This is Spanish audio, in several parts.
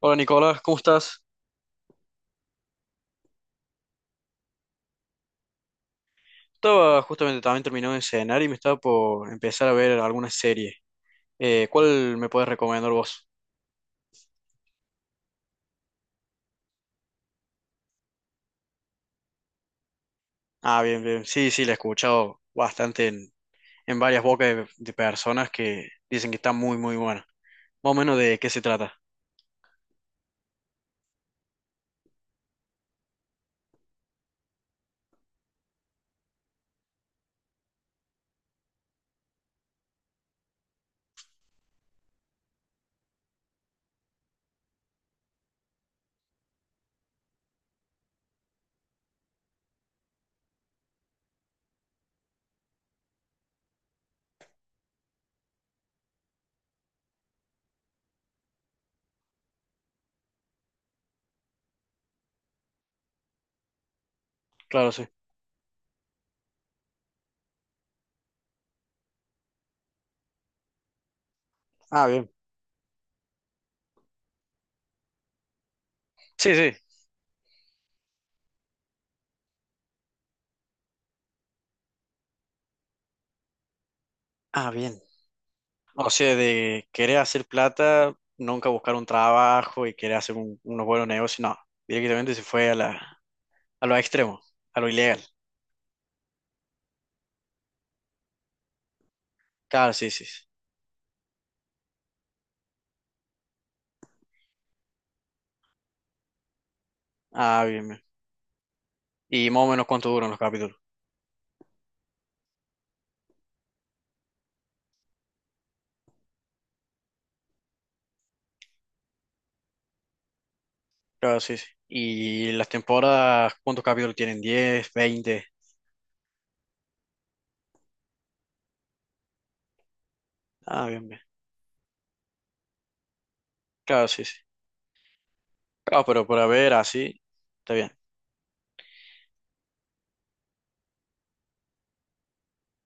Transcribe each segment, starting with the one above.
Hola Nicolás, ¿cómo estás? Estaba justamente también terminando de cenar y me estaba por empezar a ver alguna serie. ¿Cuál me puedes recomendar vos? Ah, bien, bien. Sí, sí, la he escuchado bastante en varias bocas de personas que dicen que está muy, muy buena. Más o menos de qué se trata. Claro, sí. Ah, bien. Sí, sí. Ah, bien. O sea, de querer hacer plata, nunca buscar un trabajo y querer hacer unos buenos negocios, no. Directamente se fue a la, a lo extremo, a lo ilegal. Claro, sí, sí, sí. Ah, bien, bien. ¿Y más o menos cuánto duran los capítulos? Claro, sí, sí. Y las temporadas, ¿cuántos capítulos tienen? 10, 20. Ah, bien, bien. Claro, sí, sí. Claro, pero para ver así, está bien.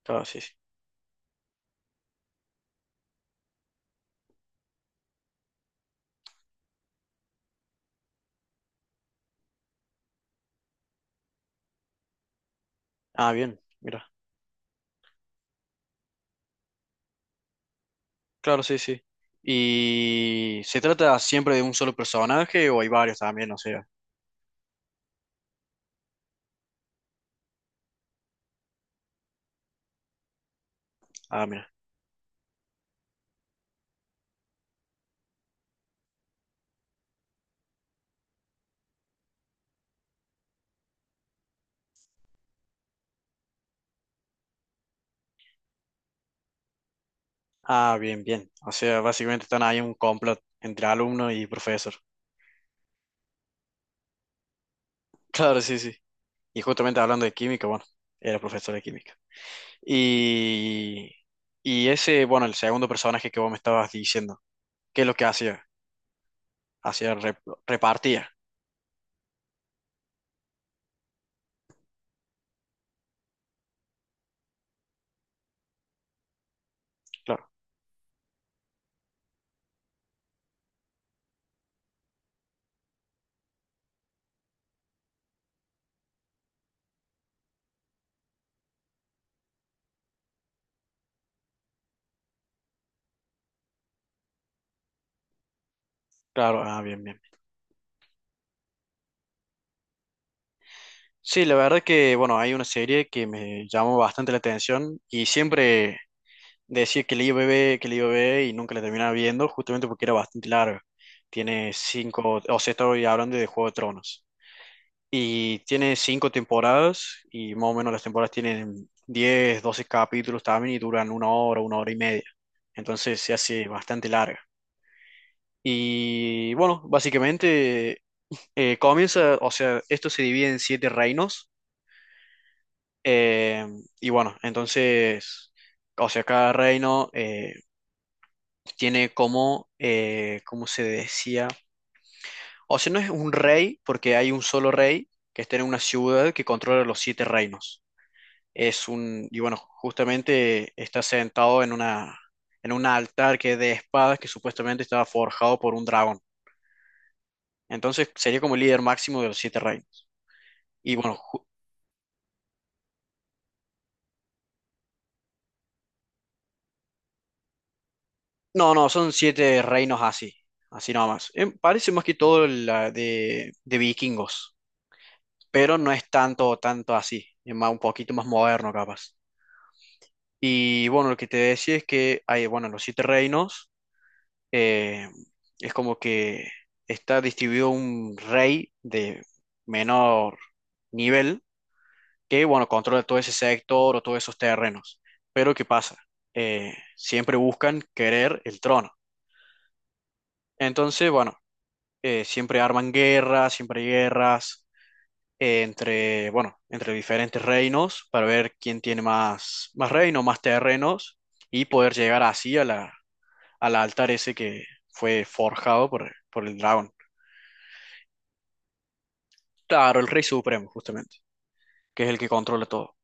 Claro, sí, sí. Ah, bien, mira. Claro, sí, sí. ¿Y se trata siempre de un solo personaje o hay varios también? O sea, ah, mira. Ah, bien, bien. O sea, básicamente están ahí un complot entre alumno y profesor. Claro, sí, sí. Y justamente hablando de química, bueno, era profesor de química. Y, y ese, bueno, el segundo personaje que vos me estabas diciendo, ¿qué es lo que hacía? Hacía repartía. Claro, claro, ah, bien, bien. Sí, la verdad que, bueno, hay una serie que me llamó bastante la atención y siempre decía que la iba a ver, que la iba a ver y nunca la terminaba viendo, justamente porque era bastante larga. Tiene cinco, o sea, estoy hablando de Juego de Tronos. Y tiene cinco temporadas y más o menos las temporadas tienen 10, 12 capítulos también y duran una hora y media. Entonces se hace bastante larga. Y bueno, básicamente comienza, o sea, esto se divide en siete reinos. eh, y bueno, entonces, o sea, cada reino tiene como, ¿cómo se decía? O sea, no es un rey porque hay un solo rey que está en una ciudad que controla los siete reinos. Y bueno, justamente está sentado en un altar que es de espadas que supuestamente estaba forjado por un dragón. Entonces sería como el líder máximo de los siete reinos. Y bueno, no, no, son siete reinos así, así nomás. Parece más que todo la de vikingos, pero no es tanto, tanto así, es más, un poquito más moderno capaz. Y bueno, lo que te decía es que hay, bueno, los siete reinos eh, es como que está distribuido un rey de menor nivel que, bueno, controla todo ese sector o todos esos terrenos. Pero ¿qué pasa? Siempre buscan querer el trono. Entonces, bueno, siempre arman guerras, siempre hay guerras entre, bueno, entre diferentes reinos para ver quién tiene más, más reinos, más terrenos y poder llegar así al altar ese que fue forjado por el dragón. Claro, el Rey Supremo, justamente, que es el que controla todo.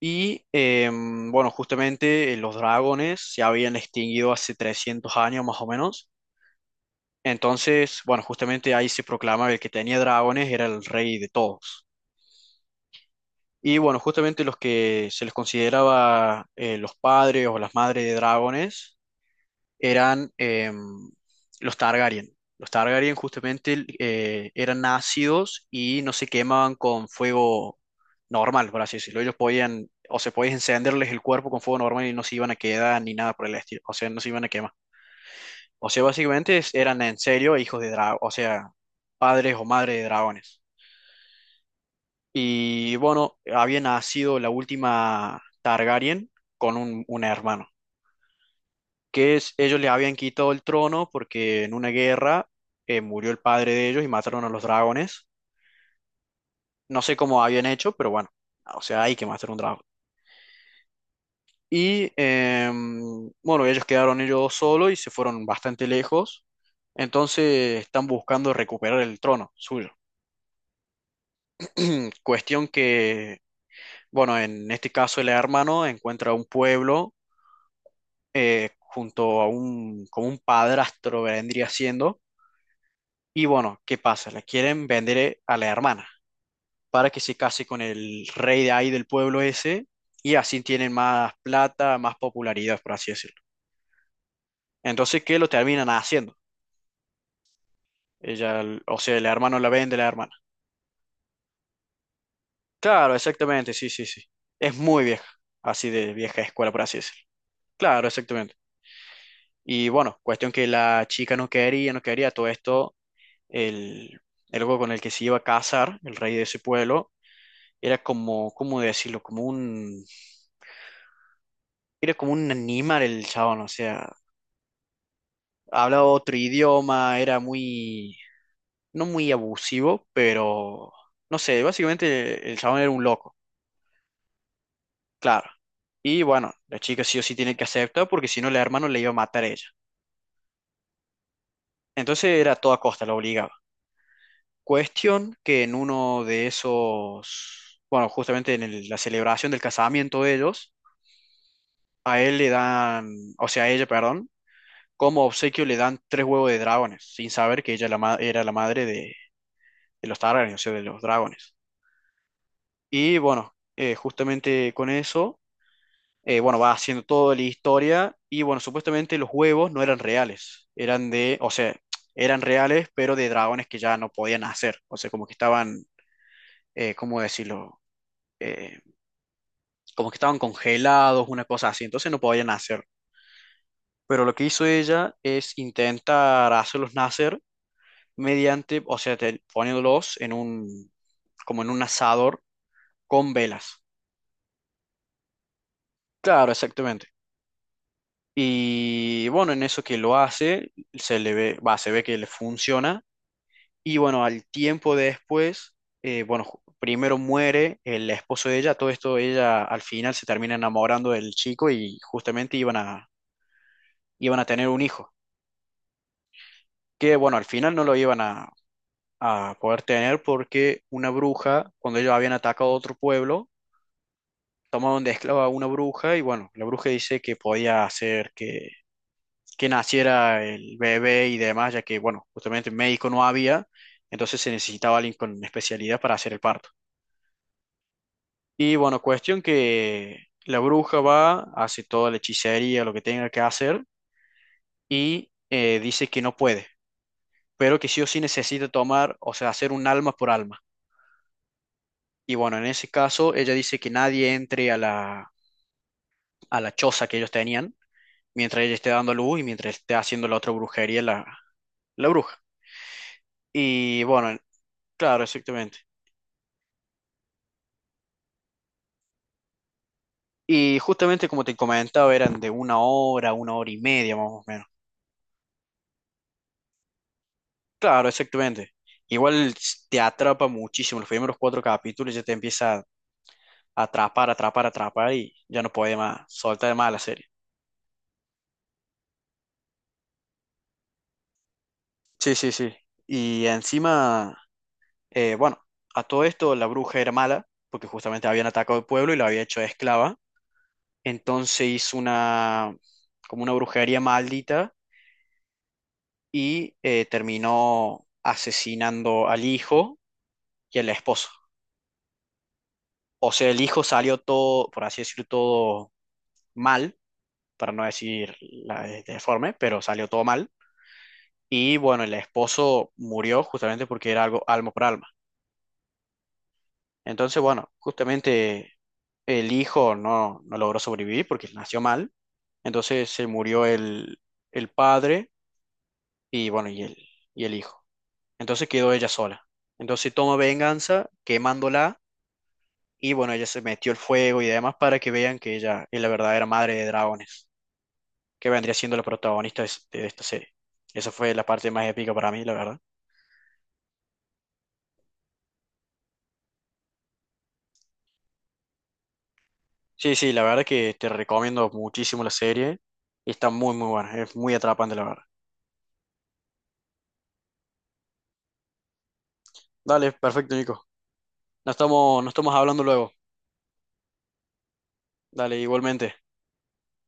Y bueno, justamente los dragones se habían extinguido hace 300 años más o menos. Entonces, bueno, justamente ahí se proclama que el que tenía dragones era el rey de todos. Y bueno, justamente los que se les consideraba los padres o las madres de dragones eran los Targaryen. Los Targaryen justamente eran ácidos y no se quemaban con fuego normal, por así decirlo. Ellos podían, o se podían encenderles el cuerpo con fuego normal y no se iban a quedar ni nada por el estilo. O sea, no se iban a quemar. O sea, básicamente eran en serio hijos de dragón, o sea, padres o madres de dragones. Y bueno, había nacido la última Targaryen con un hermano. Ellos le habían quitado el trono porque en una guerra murió el padre de ellos y mataron a los dragones. No sé cómo habían hecho, pero bueno, o sea, hay que matar un dragón. Y bueno, ellos quedaron ellos solos y se fueron bastante lejos. Entonces están buscando recuperar el trono suyo. Cuestión que, bueno, en este caso el hermano encuentra un pueblo junto a como un padrastro vendría siendo. Y bueno, ¿qué pasa? La quieren vender a la hermana para que se case con el rey de ahí del pueblo ese y así tienen más plata, más popularidad, por así decirlo. Entonces, ¿qué lo terminan haciendo? O sea, el hermano la vende a la hermana. Claro, exactamente, sí, sí, sí. Es muy vieja, así de vieja escuela, por así decirlo. Claro, exactamente. Y bueno, cuestión que la chica no quería, no quería todo esto, el, el loco con el que se iba a casar, el rey de ese pueblo, era como, ¿cómo decirlo? Como un Era como un animal el chabón, o sea, hablaba otro idioma, era muy, no muy abusivo, pero no sé, básicamente el chabón era un loco, claro. Y bueno, la chica sí o sí tiene que aceptar porque si no, la hermano le iba a matar a ella. Entonces era a toda costa, la obligaba. Cuestión que en uno de esos, bueno, justamente la celebración del casamiento de ellos, a él le dan, o sea, a ella, perdón, como obsequio le dan tres huevos de dragones, sin saber que ella era la madre de los Targaryen, o sea, de los dragones. Y bueno, justamente con eso, bueno, va haciendo toda la historia y bueno, supuestamente los huevos no eran reales, eran de, o sea, eran reales, pero de dragones que ya no podían hacer, o sea, como que estaban, ¿cómo decirlo? Eh, Como que estaban congelados, una cosa así, entonces no podían nacer. Pero lo que hizo ella es intentar hacerlos nacer mediante, o sea, poniéndolos como en un asador con velas. Claro, exactamente. Y bueno, en eso que lo hace, se ve que le funciona. Y bueno, al tiempo después, bueno, primero muere el esposo de ella, todo esto ella al final se termina enamorando del chico y justamente iban a tener un hijo, que bueno, al final no a poder tener porque una bruja, cuando ellos habían atacado a otro pueblo, tomaron de esclava a una bruja y bueno, la bruja dice que podía hacer que naciera el bebé y demás, ya que, bueno, justamente médico no había, entonces se necesitaba alguien con especialidad para hacer el parto. Y bueno, cuestión que la bruja va, hace toda la hechicería, lo que tenga que hacer, y dice que no puede, pero que sí o sí necesita tomar, o sea, hacer un alma por alma. Y bueno, en ese caso, ella dice que nadie entre a la choza que ellos tenían, mientras ella esté dando luz y mientras esté haciendo la otra brujería la bruja. Y bueno, claro, exactamente. Y justamente como te comentaba, eran de una hora y media más o menos. Claro, exactamente. Igual te atrapa muchísimo. Los primeros cuatro capítulos ya te empieza a atrapar, atrapar, atrapar y ya no puede más, soltar más la serie. Sí, sí, sí. Y encima, bueno, a todo esto la bruja era mala, porque justamente habían atacado el pueblo y la había hecho esclava. Entonces hizo como una brujería maldita y terminó asesinando al hijo y al esposo. O sea, el hijo salió todo, por así decirlo, todo mal, para no decir la deforme, pero salió todo mal. Y bueno, el esposo murió justamente porque era algo alma por alma. Entonces, bueno, justamente el hijo no, no logró sobrevivir porque nació mal. Entonces se murió el padre y bueno, y el hijo. Entonces quedó ella sola. Entonces toma venganza quemándola y bueno, ella se metió el fuego y demás para que vean que ella es la verdadera madre de dragones. Que vendría siendo la protagonista de esta serie. Esa fue la parte más épica para mí, la verdad. Sí, sí, la verdad que te recomiendo muchísimo la serie y está muy, muy buena, es muy atrapante, la verdad. Dale, perfecto, Nico. Nos estamos hablando luego. Dale, igualmente.